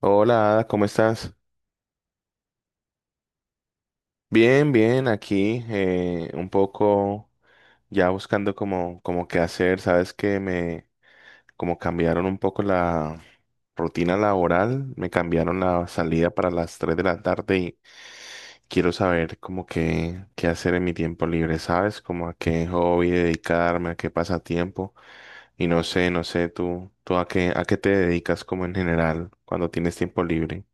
Hola, Ada, ¿cómo estás? Bien, bien, aquí un poco ya buscando como, como qué hacer. Sabes que me como cambiaron un poco la rutina laboral, me cambiaron la salida para las 3 de la tarde y quiero saber como qué, qué hacer en mi tiempo libre, ¿sabes? Como a qué hobby dedicarme, a qué pasatiempo. Y no sé, no sé, tú a qué te dedicas como en general cuando tienes tiempo libre.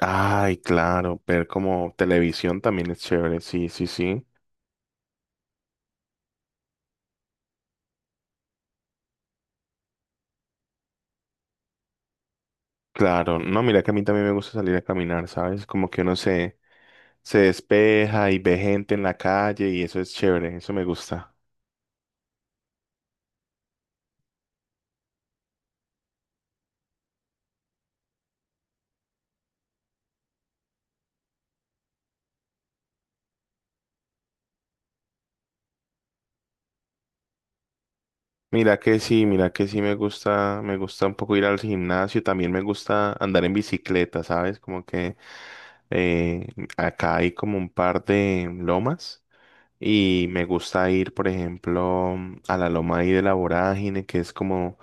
Ay, claro, ver como televisión también es chévere, sí, sí, sí. Claro, no, mira que a mí también me gusta salir a caminar, ¿sabes? Como que uno se, se despeja y ve gente en la calle y eso es chévere, eso me gusta. Mira que sí me gusta un poco ir al gimnasio, también me gusta andar en bicicleta, ¿sabes? Como que eh, acá hay como un par de lomas. Y me gusta ir, por ejemplo, a la loma ahí de la Vorágine, que es como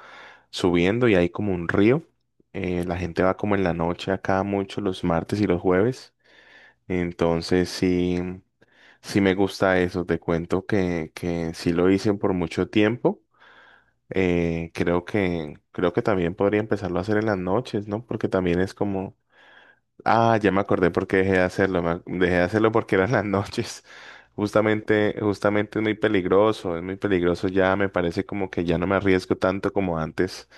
subiendo y hay como un río. La gente va como en la noche acá mucho, los martes y los jueves. Entonces sí, sí me gusta eso. Te cuento que sí lo hice por mucho tiempo. Creo que también podría empezarlo a hacer en las noches, ¿no? Porque también es como Ah, ya me acordé por qué dejé de hacerlo. Dejé de hacerlo porque eran las noches. Justamente, justamente es muy peligroso ya, me parece como que ya no me arriesgo tanto como antes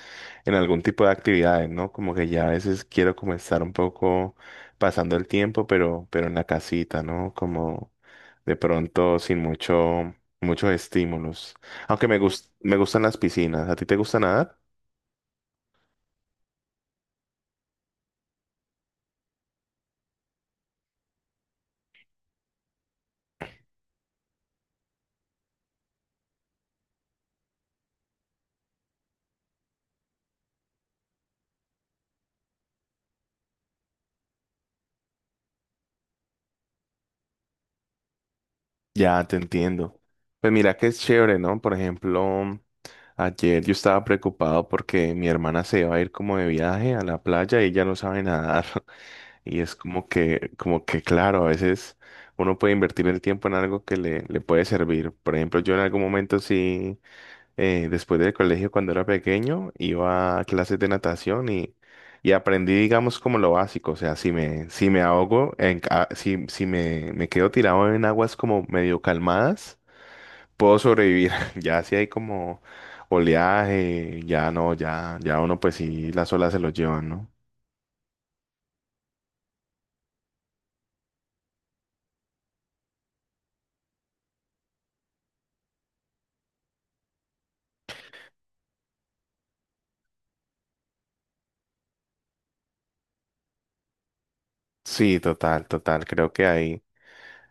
en algún tipo de actividades, ¿no? Como que ya a veces quiero como estar un poco pasando el tiempo, pero en la casita, ¿no? Como de pronto sin mucho, muchos estímulos. Aunque me gustan las piscinas. ¿A ti te gusta nadar? Ya, te entiendo. Pues mira que es chévere, ¿no? Por ejemplo. Ayer yo estaba preocupado porque mi hermana se va a ir como de viaje a la playa y ella no sabe nadar. Y es como que claro, a veces uno puede invertir el tiempo en algo que le puede servir. Por ejemplo, yo en algún momento sí, después del colegio cuando era pequeño, iba a clases de natación y aprendí, digamos, como lo básico. O sea, si me, si me ahogo, en, si, si me, me quedo tirado en aguas como medio calmadas puedo sobrevivir. Ya si hay como oleaje, ya no, ya, ya uno pues sí, las olas se lo llevan, ¿no? Sí, total, total. Creo que hay,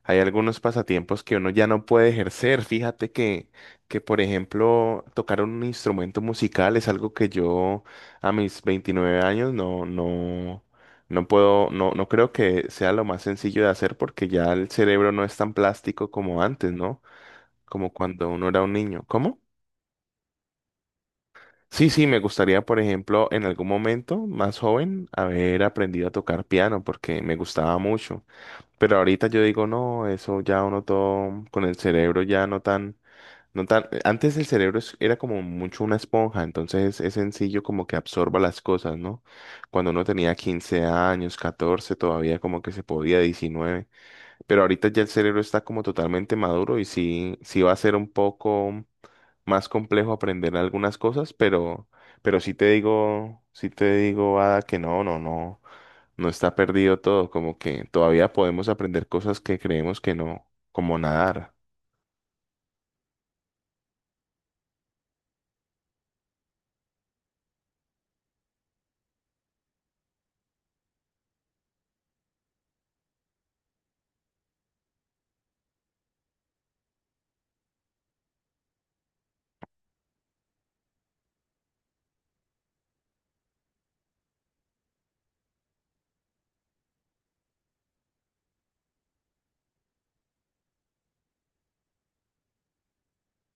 hay algunos pasatiempos que uno ya no puede ejercer. Fíjate que, por ejemplo, tocar un instrumento musical es algo que yo a mis 29 años no, no, no puedo, no, no creo que sea lo más sencillo de hacer porque ya el cerebro no es tan plástico como antes, ¿no? Como cuando uno era un niño. ¿Cómo? Sí, sí, me gustaría, por ejemplo, en algún momento más joven, haber aprendido a tocar piano porque me gustaba mucho. Pero ahorita yo digo, no, eso ya uno todo con el cerebro ya no tan, no tan. Antes el cerebro era como mucho una esponja, entonces es sencillo como que absorba las cosas, ¿no? Cuando uno tenía 15 años, 14, todavía como que se podía, 19. Pero ahorita ya el cerebro está como totalmente maduro y sí, sí va a ser un poco más complejo aprender algunas cosas, pero sí te digo, Ada, que no, no, no, no está perdido todo, como que todavía podemos aprender cosas que creemos que no, como nadar.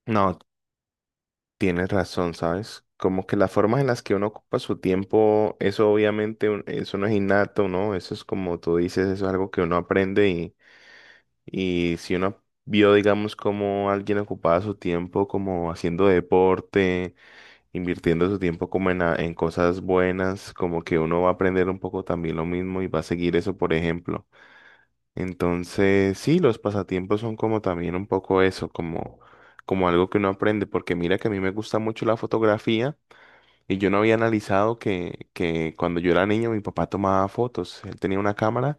No, tienes razón, ¿sabes? Como que las formas en las que uno ocupa su tiempo, eso obviamente, eso no es innato, ¿no? Eso es como tú dices, eso es algo que uno aprende. Y si uno vio, digamos, cómo alguien ocupaba su tiempo como haciendo deporte, invirtiendo su tiempo como en, en cosas buenas, como que uno va a aprender un poco también lo mismo y va a seguir eso, por ejemplo. Entonces, sí, los pasatiempos son como también un poco eso, como, como algo que uno aprende, porque mira que a mí me gusta mucho la fotografía. Y yo no había analizado que cuando yo era niño mi papá tomaba fotos. Él tenía una cámara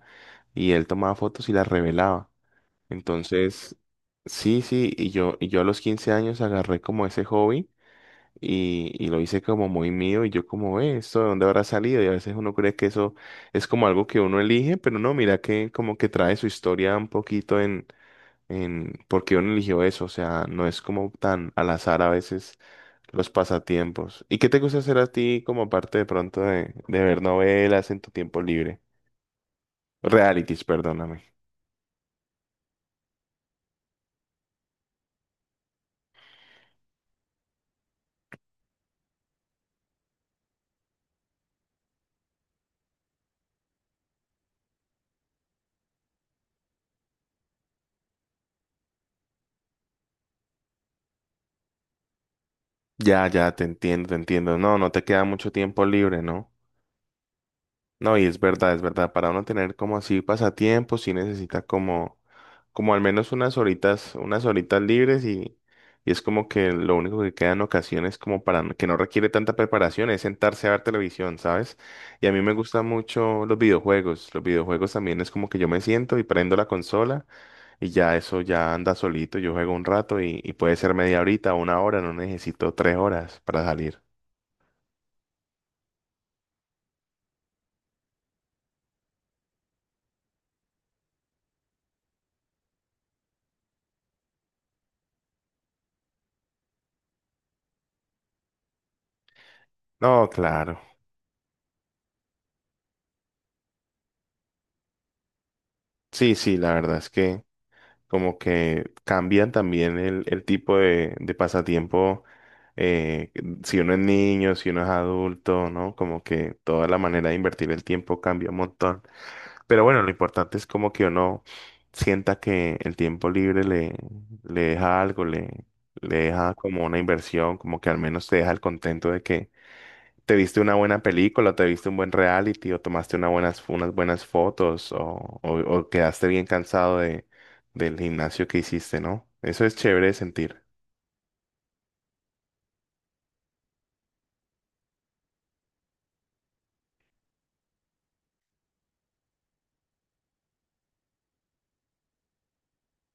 y él tomaba fotos y las revelaba. Entonces, sí, sí, y yo a los 15 años agarré como ese hobby y lo hice como muy mío y yo como, ¿esto de dónde habrá salido? Y a veces uno cree que eso es como algo que uno elige, pero no, mira que como que trae su historia un poquito en por qué uno eligió eso, o sea, no es como tan al azar a veces los pasatiempos. ¿Y qué te gusta hacer a ti como parte de pronto de ver novelas en tu tiempo libre? Realities, perdóname. Ya, ya, te entiendo, te entiendo. No, no te queda mucho tiempo libre, ¿no? No, y es verdad, es verdad. Para uno tener como así pasatiempos, sí necesita como, como al menos unas horitas libres y es como que lo único que queda en ocasiones como para, que no requiere tanta preparación, es sentarse a ver televisión, ¿sabes? Y a mí me gustan mucho los videojuegos. Los videojuegos también es como que yo me siento y prendo la consola y ya eso ya anda solito. Yo juego un rato y puede ser media horita, una hora, no necesito tres horas para salir. No, claro. Sí, sí, la verdad es que como que cambian también el tipo de pasatiempo, eh, si uno es niño, si uno es adulto, ¿no? Como que toda la manera de invertir el tiempo cambia un montón. Pero bueno, lo importante es como que uno sienta que el tiempo libre le, le deja algo, le deja como una inversión, como que al menos te deja el contento de que ¿te viste una buena película, te viste un buen reality, o tomaste una buenas, unas buenas fotos, o, o quedaste bien cansado de, del gimnasio que hiciste, ¿no? Eso es chévere de sentir.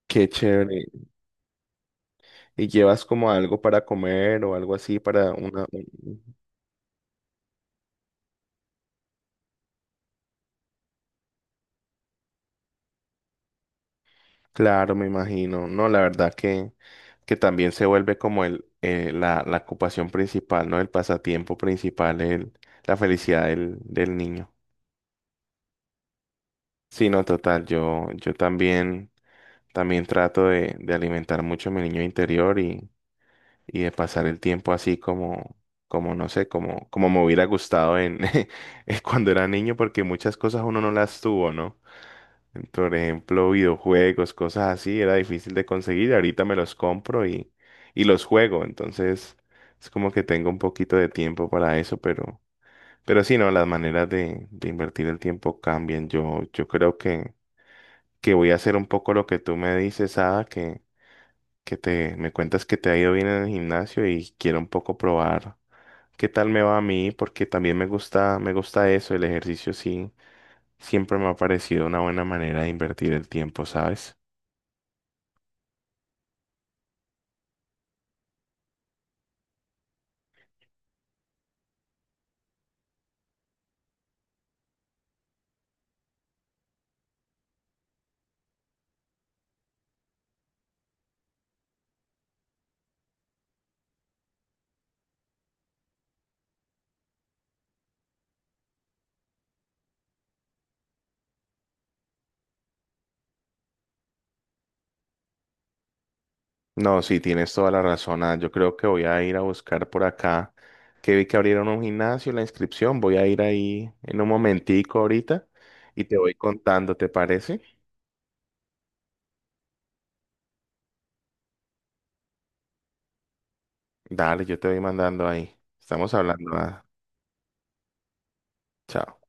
Qué chévere. ¿Y llevas como algo para comer o algo así para una... un- Claro, me imagino. No, la verdad que también se vuelve como el, la, la ocupación principal, ¿no? El pasatiempo principal, el, la felicidad del, del niño. Sí, no, total. Yo también, también trato de alimentar mucho a mi niño interior y de pasar el tiempo así como, como no sé, como, como me hubiera gustado en en cuando era niño, porque muchas cosas uno no las tuvo, ¿no? Por ejemplo, videojuegos, cosas así, era difícil de conseguir. Ahorita me los compro y los juego. Entonces, es como que tengo un poquito de tiempo para eso, pero sí, no, las maneras de invertir el tiempo cambian. Yo creo que voy a hacer un poco lo que tú me dices, Ada, que te me cuentas que te ha ido bien en el gimnasio y quiero un poco probar qué tal me va a mí, porque también me gusta eso, el ejercicio sí, siempre me ha parecido una buena manera de invertir el tiempo, ¿sabes? No, sí, tienes toda la razón, Ada. Yo creo que voy a ir a buscar por acá, que vi que abrieron un gimnasio, la inscripción, voy a ir ahí en un momentico ahorita y te voy contando, ¿te parece? Dale, yo te voy mandando ahí. Estamos hablando, Ada. Chao.